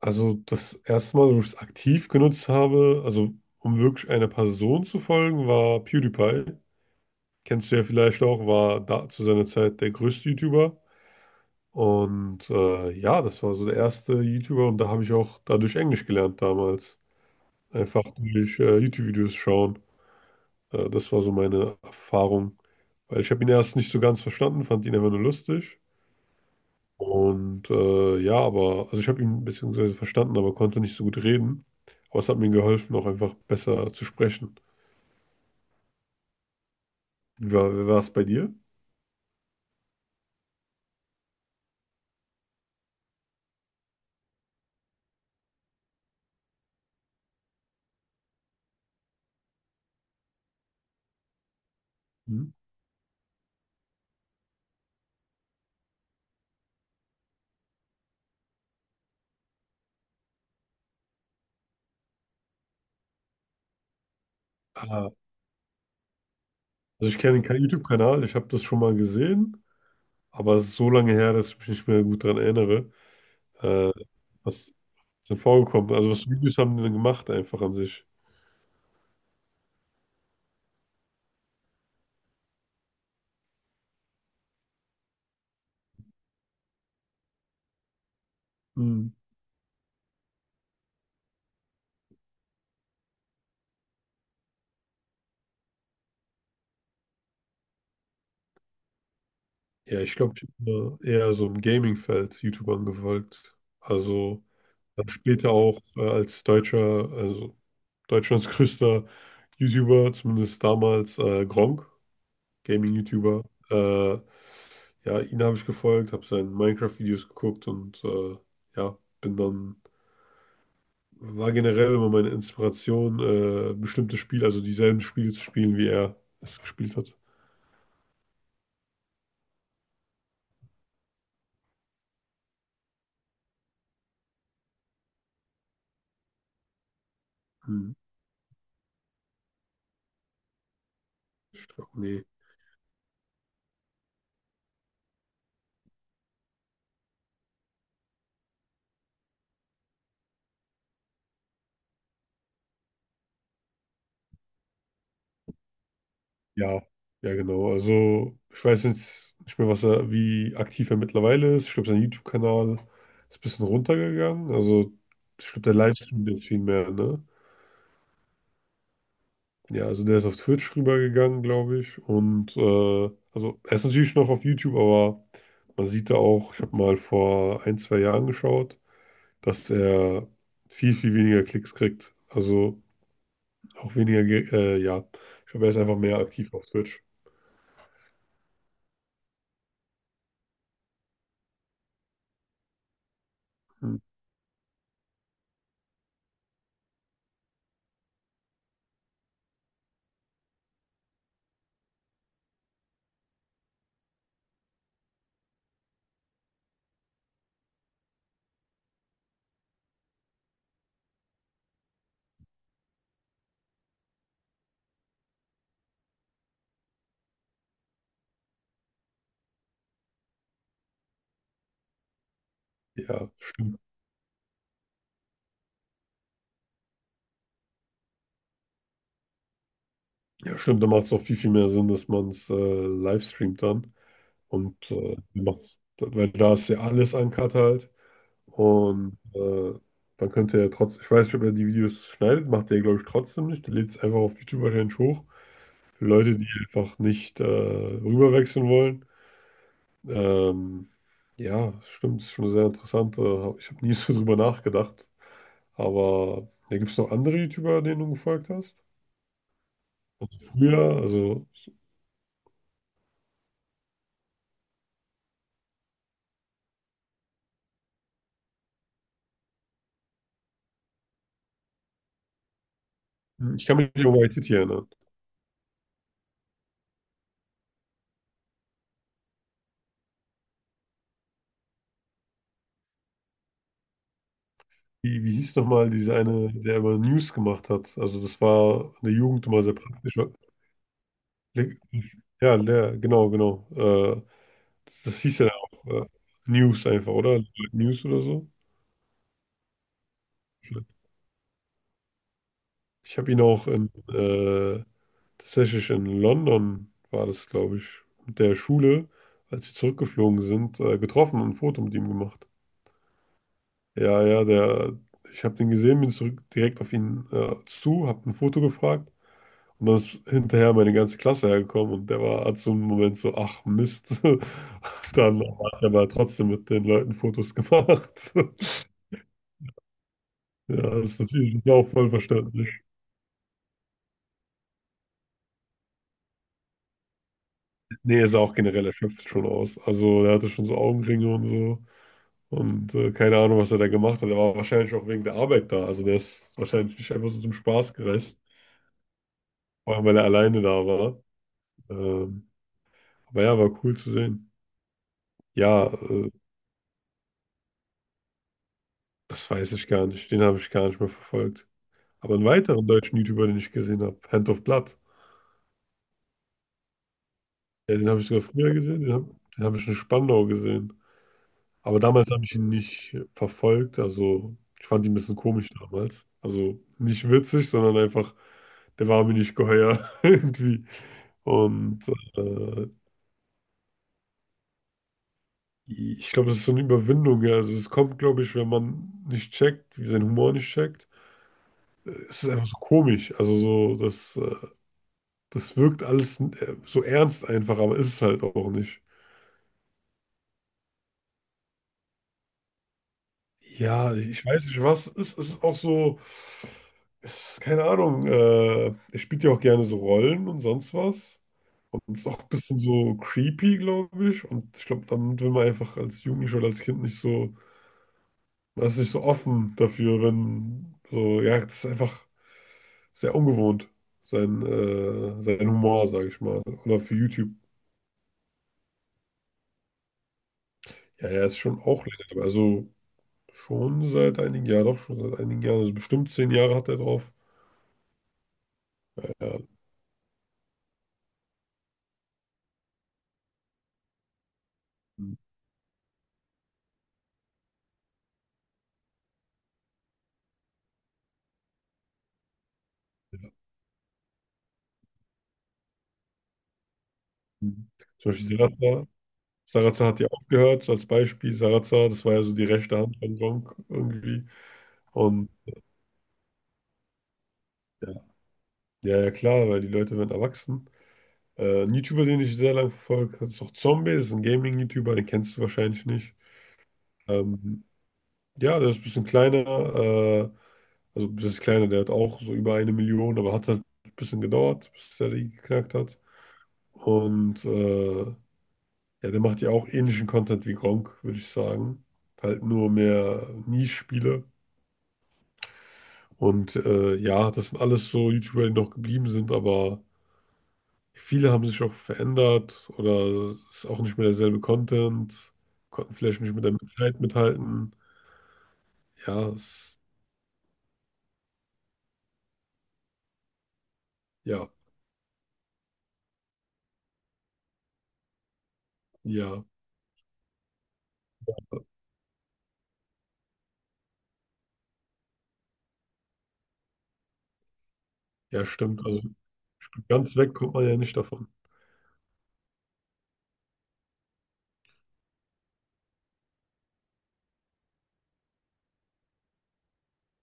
Also das erste Mal, wo ich es aktiv genutzt habe, also um wirklich einer Person zu folgen, war PewDiePie. Kennst du ja vielleicht auch, war da zu seiner Zeit der größte YouTuber. Und das war so der erste YouTuber und da habe ich auch dadurch Englisch gelernt damals. Einfach durch YouTube-Videos schauen. Das war so meine Erfahrung. Weil ich habe ihn erst nicht so ganz verstanden, fand ihn einfach nur lustig. Und ja, aber, also ich habe ihn beziehungsweise verstanden, aber konnte nicht so gut reden. Aber es hat mir geholfen, auch einfach besser zu sprechen. Wie war es bei dir? Mhm. Ah, also ich kenne keinen YouTube-Kanal, ich habe das schon mal gesehen, aber es ist so lange her, dass ich mich nicht mehr gut daran erinnere. Äh, was ist denn vorgekommen? Ist. Also was für Videos haben die denn gemacht einfach an sich? Mhm. Ja, ich glaube, ich bin da eher so im Gaming-Feld YouTube angefolgt. Also dann später auch als deutscher, also Deutschlands größter YouTuber, zumindest damals, Gronkh, Gaming-YouTuber. Äh, ja, ihn habe ich gefolgt, habe seine Minecraft-Videos geguckt und ja, bin dann, war generell immer meine Inspiration, bestimmte Spiele, also dieselben Spiele zu spielen, wie er es gespielt hat. Hm. Ich glaub, nee. Ja, ja, genau. Also, ich weiß jetzt nicht mehr, was er, wie aktiv er mittlerweile ist. Ich glaube, sein YouTube-Kanal ist ein bisschen runtergegangen. Also, ich glaube, der Livestream ist viel mehr, ne? Ja, also der ist auf Twitch rübergegangen, glaube ich. Und also er ist natürlich noch auf YouTube, aber man sieht da auch, ich habe mal vor ein, zwei Jahren geschaut, dass er viel, viel weniger Klicks kriegt. Also auch weniger, Ich glaube, er ist einfach mehr aktiv auf Twitch. Hm. Ja, stimmt. Ja, stimmt, da macht es auch viel, viel mehr Sinn, dass man es live streamt dann. Und macht's, weil da ist ja alles uncut halt. Und dann könnt ihr ja trotzdem, ich weiß nicht, ob er die Videos schneidet, macht er, glaube ich, trotzdem nicht. Der lädt es einfach auf YouTube wahrscheinlich hoch. Für Leute, die einfach nicht rüberwechseln wollen. Ähm, ja, stimmt, ist schon sehr interessant. Ich habe nie so drüber nachgedacht. Aber da gibt es noch andere YouTuber, denen du gefolgt hast? Früher, also hm, ich kann mich nicht um YTT erinnern. Wie, wie hieß nochmal dieser eine, der immer News gemacht hat? Also das war in der Jugend immer sehr praktisch, weil- Le- Ja, Lehr, genau, genau. Das, das hieß ja auch News einfach, oder? News oder so. Ich habe ihn auch tatsächlich in London, war das, glaube ich, mit der Schule, als wir zurückgeflogen sind, getroffen und ein Foto mit ihm gemacht. Ja, ja, der, ich habe den gesehen, bin zurück direkt auf ihn zu, habe ein Foto gefragt. Und dann ist hinterher meine ganze Klasse hergekommen und der war hat so einen Moment so, ach Mist. Und dann hat er aber trotzdem mit den Leuten Fotos gemacht. Ja, das ist natürlich auch voll verständlich. Nee, er sah auch generell erschöpft schon aus. Also er hatte schon so Augenringe und so. Und keine Ahnung, was er da gemacht hat. Er war wahrscheinlich auch wegen der Arbeit da. Also der ist wahrscheinlich nicht einfach so zum Spaß gereist. Vor allem, weil er alleine da war. Ähm, aber ja, war cool zu sehen. Ja, das weiß ich gar nicht. Den habe ich gar nicht mehr verfolgt. Aber einen weiteren deutschen YouTuber, den ich gesehen habe, Hand of Blood. Ja, den habe ich sogar früher gesehen, den hab ich in Spandau gesehen. Aber damals habe ich ihn nicht verfolgt, also ich fand ihn ein bisschen komisch damals. Also nicht witzig, sondern einfach, der war mir nicht geheuer irgendwie. Und äh, ich glaube, das ist so eine Überwindung, ja. Also es kommt, glaube ich, wenn man nicht checkt, wie sein Humor nicht checkt. Es ist einfach so komisch. Also so, das, das wirkt alles so ernst einfach, aber ist es halt auch nicht. Ja, ich weiß nicht, was es ist. Es ist keine Ahnung, er spielt ja auch gerne so Rollen und sonst was. Und ist auch ein bisschen so creepy, glaube ich. Und ich glaube, damit will man einfach als Jugendlicher oder als Kind nicht so, man ist nicht so offen dafür, wenn so, ja, das ist einfach sehr ungewohnt, sein Humor, sage ich mal. Oder für YouTube. Ja, er ist schon auch länger dabei. Also schon seit einigen Jahren, doch schon seit einigen Jahren, also bestimmt zehn Jahre hat er drauf. Ja. Mhm. Zum Beispiel Mhm. Sarazza. Sarazza hat ja aufgehört, so als Beispiel. Sarazza, das war ja so die rechte Hand von Gronk irgendwie. Und ja, ja, klar, weil die Leute werden erwachsen. Ein YouTuber, den ich sehr lange verfolge, ist auch Zombie, ist ein Gaming-YouTuber, den kennst du wahrscheinlich nicht. Ähm, ja, der ist ein bisschen kleiner, äh, also das ist kleiner, der hat auch so über eine Million, aber hat halt ein bisschen gedauert, bis der die geknackt hat. Und ja, der macht ja auch ähnlichen Content wie Gronkh, würde ich sagen. Halt nur mehr Nischspiele. Und ja, das sind alles so YouTuber, die noch geblieben sind, aber viele haben sich auch verändert oder es ist auch nicht mehr derselbe Content, konnten vielleicht nicht mit der Zeit mithalten. Ja, es, ja, ja, ja, stimmt. Also ganz weg kommt man ja nicht davon.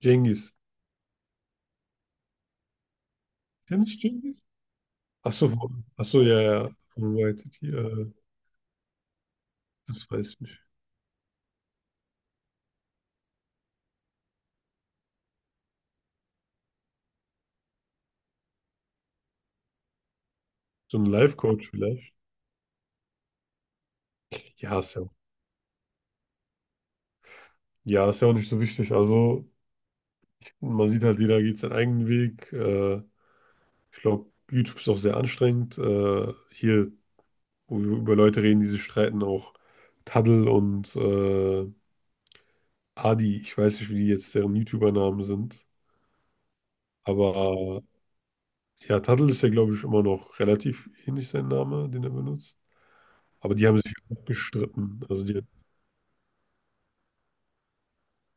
Jengis Kennst du Cengiz? Ach so, von- ach so, ja, ja. Von YTT, das weiß ich nicht. So ein Life-Coach vielleicht. Ja, ist ja Ja, ist ja auch nicht so wichtig. Also, man sieht halt, jeder geht seinen eigenen Weg. Ich glaube, YouTube ist auch sehr anstrengend. Wo wir über Leute reden, die sich streiten, auch Taddel und Adi. Ich weiß nicht, wie die jetzt deren YouTuber-Namen sind. Aber ja, Taddel ist ja, glaube ich, immer noch relativ ähnlich sein Name, den er benutzt. Aber die haben sich auch gestritten. Also, die,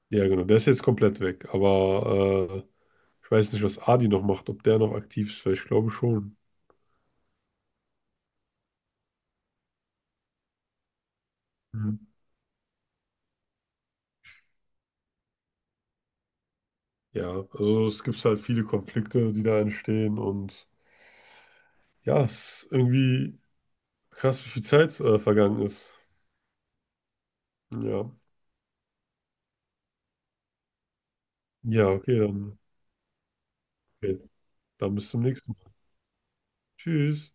ja, genau. Der ist jetzt komplett weg. Aber ich weiß nicht, was Adi noch macht, ob der noch aktiv ist, weil ich glaube schon. Mhm. Ja, also es gibt halt viele Konflikte, die da entstehen und ja, es ist irgendwie krass, wie viel Zeit vergangen ist. Ja. Ja, okay, dann bis zum nächsten Mal. Tschüss.